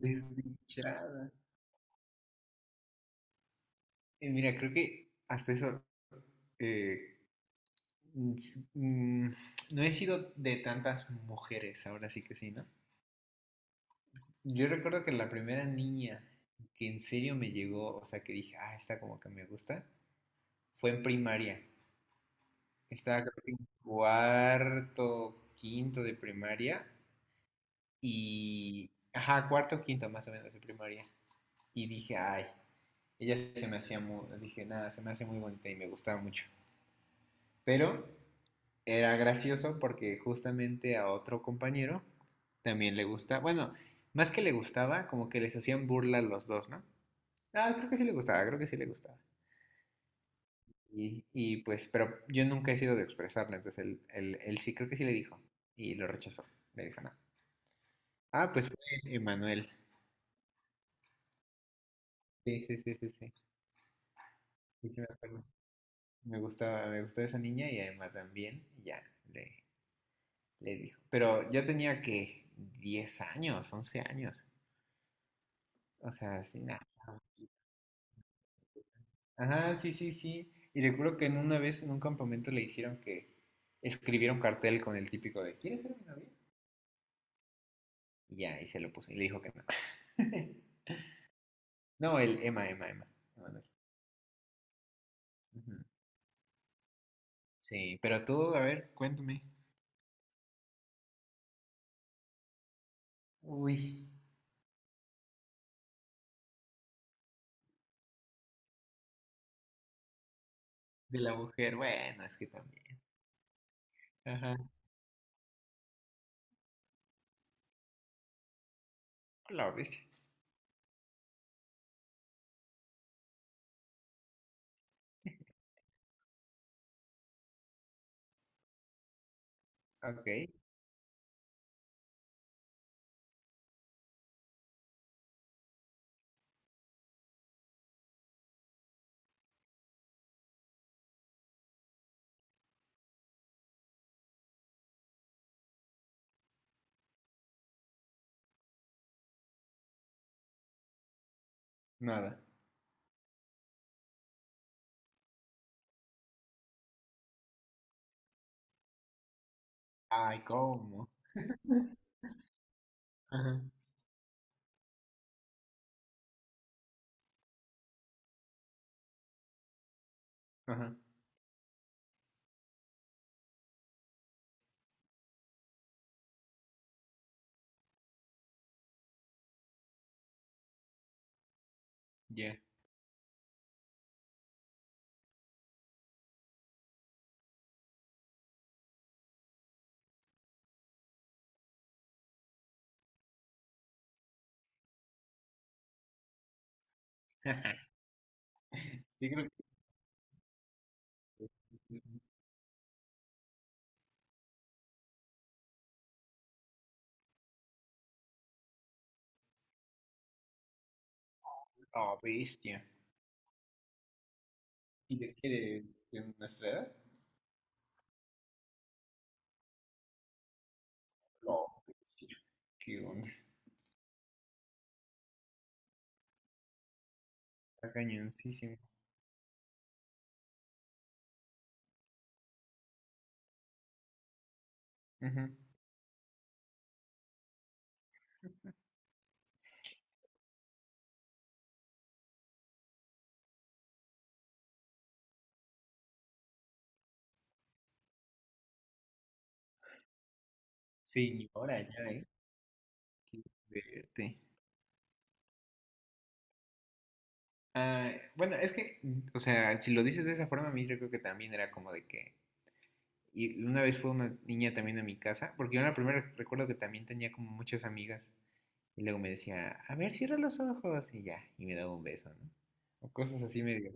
Desdichada. Mira, creo que hasta eso. eh, mm, no he sido de tantas mujeres, ahora sí que sí, ¿no? Yo recuerdo que la primera niña que en serio me llegó, o sea, que dije, ah, esta como que me gusta, fue en primaria. Estaba creo que en cuarto, quinto de primaria y, ajá, cuarto, quinto más o menos de primaria. Y dije, ay, ella se me hacía muy, dije, nada, se me hace muy bonita y me gustaba mucho. Pero era gracioso porque justamente a otro compañero también le gusta, bueno, más que le gustaba, como que les hacían burla a los dos, ¿no? Ah, creo que sí le gustaba, creo que sí le gustaba. Y pues, pero yo nunca he sido de expresarle, entonces él sí, creo que sí le dijo y lo rechazó, le dijo no. Ah, pues fue Emanuel. Sí, sí, sí, sí, sí. Sí, sí me acuerdo. Me gustaba esa niña y además también, y ya, le, le dijo. Pero yo tenía que 10 años, 11 años. O sea, sí, nada. Ajá, sí, sí, sí. Y recuerdo que en una vez en un campamento le dijeron que escribiera un cartel con el típico de ¿quieres ser mi novia? Y ya, y se lo puso. Y le dijo que no. No, el Emma, Emma, Emma. Emanuel. Ujú. Sí, pero tú, a ver, cuéntame. Uy, de la mujer. Bueno, es que también. Ajá. La bestia. Ok, nada. Ay, ¿cómo? Ajá. Ajá, ya. Yo creo que es una bestia. ¿Y de qué? ¿De nuestra edad? No, sí, qué onda. Está cañoncísimo. Ujú. Señora, ya, ¿eh? Qué fuerte. Ah, bueno, es que, o sea, si lo dices de esa forma, a mí yo creo que también era como de que. Y una vez fue una niña también a mi casa, porque yo en la primera recuerdo que también tenía como muchas amigas. Y luego me decía, a ver, cierra los ojos y ya, y me daba un beso, ¿no? O cosas así medio.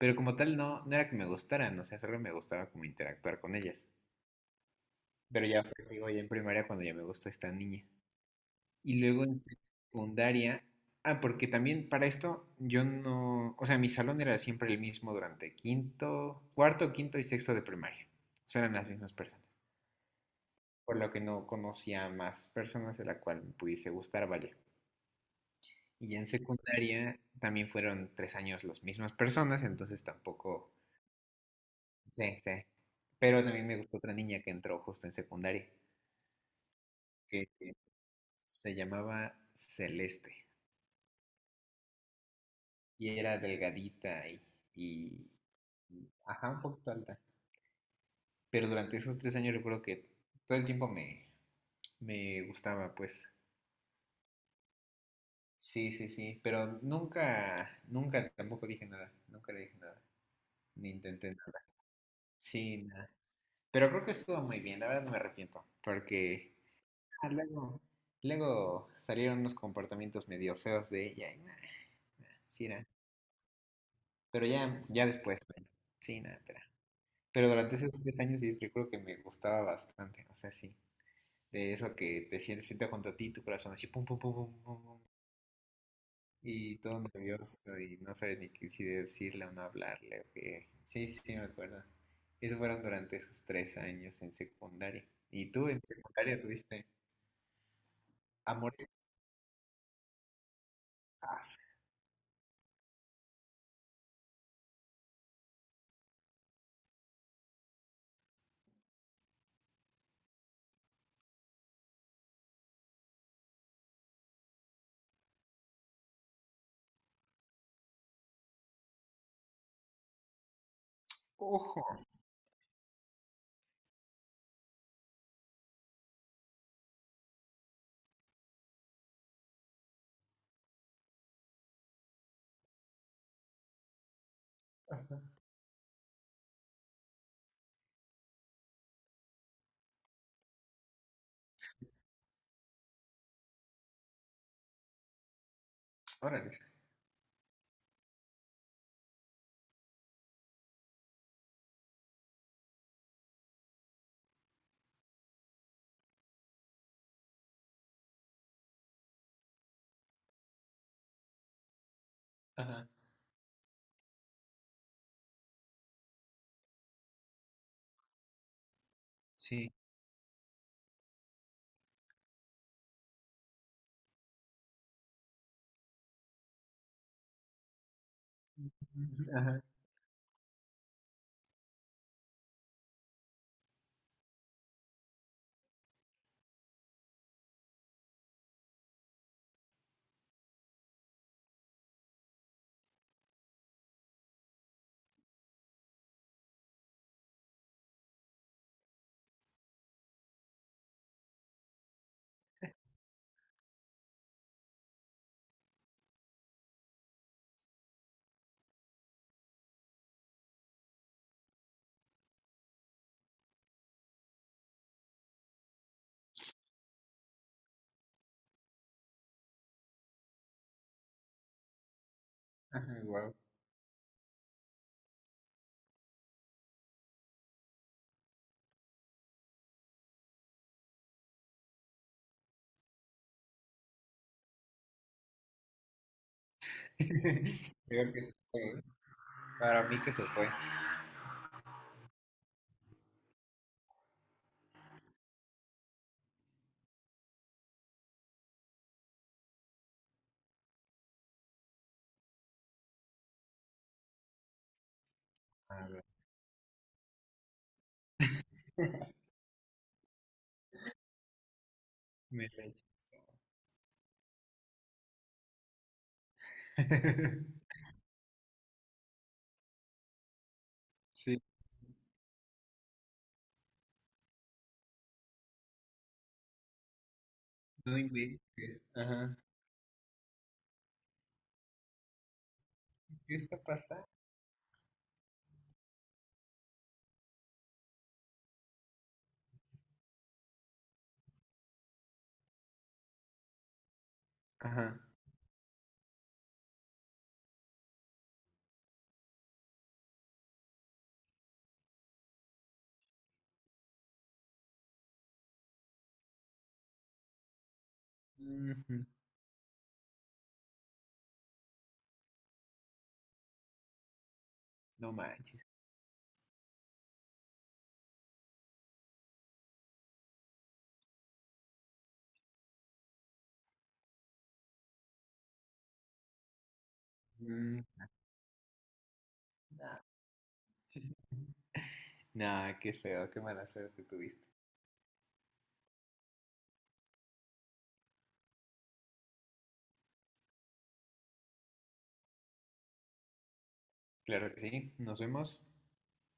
Pero como tal, no, no era que me gustaran, o sea, solo me gustaba como interactuar con ellas. Pero ya fue, digo, ya en primaria cuando ya me gustó esta niña. Y luego en secundaria, ah, porque también para esto yo no, o sea, mi salón era siempre el mismo durante quinto, cuarto, quinto y sexto de primaria. O sea, eran las mismas personas. Por lo que no conocía más personas de la cual me pudiese gustar, vaya. Y ya en secundaria también fueron 3 años las mismas personas, entonces tampoco, sí, sí. Pero también me gustó otra niña que entró justo en secundaria, que se llamaba Celeste. Y era delgadita y ajá, un poquito alta. Pero durante esos tres años recuerdo que todo el tiempo me, me gustaba, pues. Sí, sí, sí. Pero nunca, nunca tampoco dije nada. Nunca le dije nada. Ni intenté nada. Sí, nada. Pero creo que estuvo muy bien. La verdad no me arrepiento. Porque ah, luego, luego salieron unos comportamientos medio feos de ella. Y nada, sí, nada. Pero ya, ya después, bueno, sí, nada, pero. Pero durante esos tres años sí recuerdo que me gustaba bastante. O sea, sí, de eso que te sientes, sientes junto a ti, tu corazón así, pum, pum, pum, pum, pum, pum, y todo nervioso y no sabes ni qué- si decirle o no hablarle, o qué. Sí, sí, sí, me acuerdo. Eso fueron durante esos 3 años en secundaria. ¿Y tú en secundaria tuviste amores? Ah, su- ¡ojo! Ajá. Órale. Ajá. Sí. Ajá. Ajá. Wow. Creo que eso fue, ¿eh? Para mí que se fue. Ah, bueno. Me la Sí, no inventes. Ajá. ¿Qué está pasando? Ajá. Ujú, no manches. Mm, nah. Nah, qué feo, qué mala suerte tuviste. Claro que sí, nos vemos.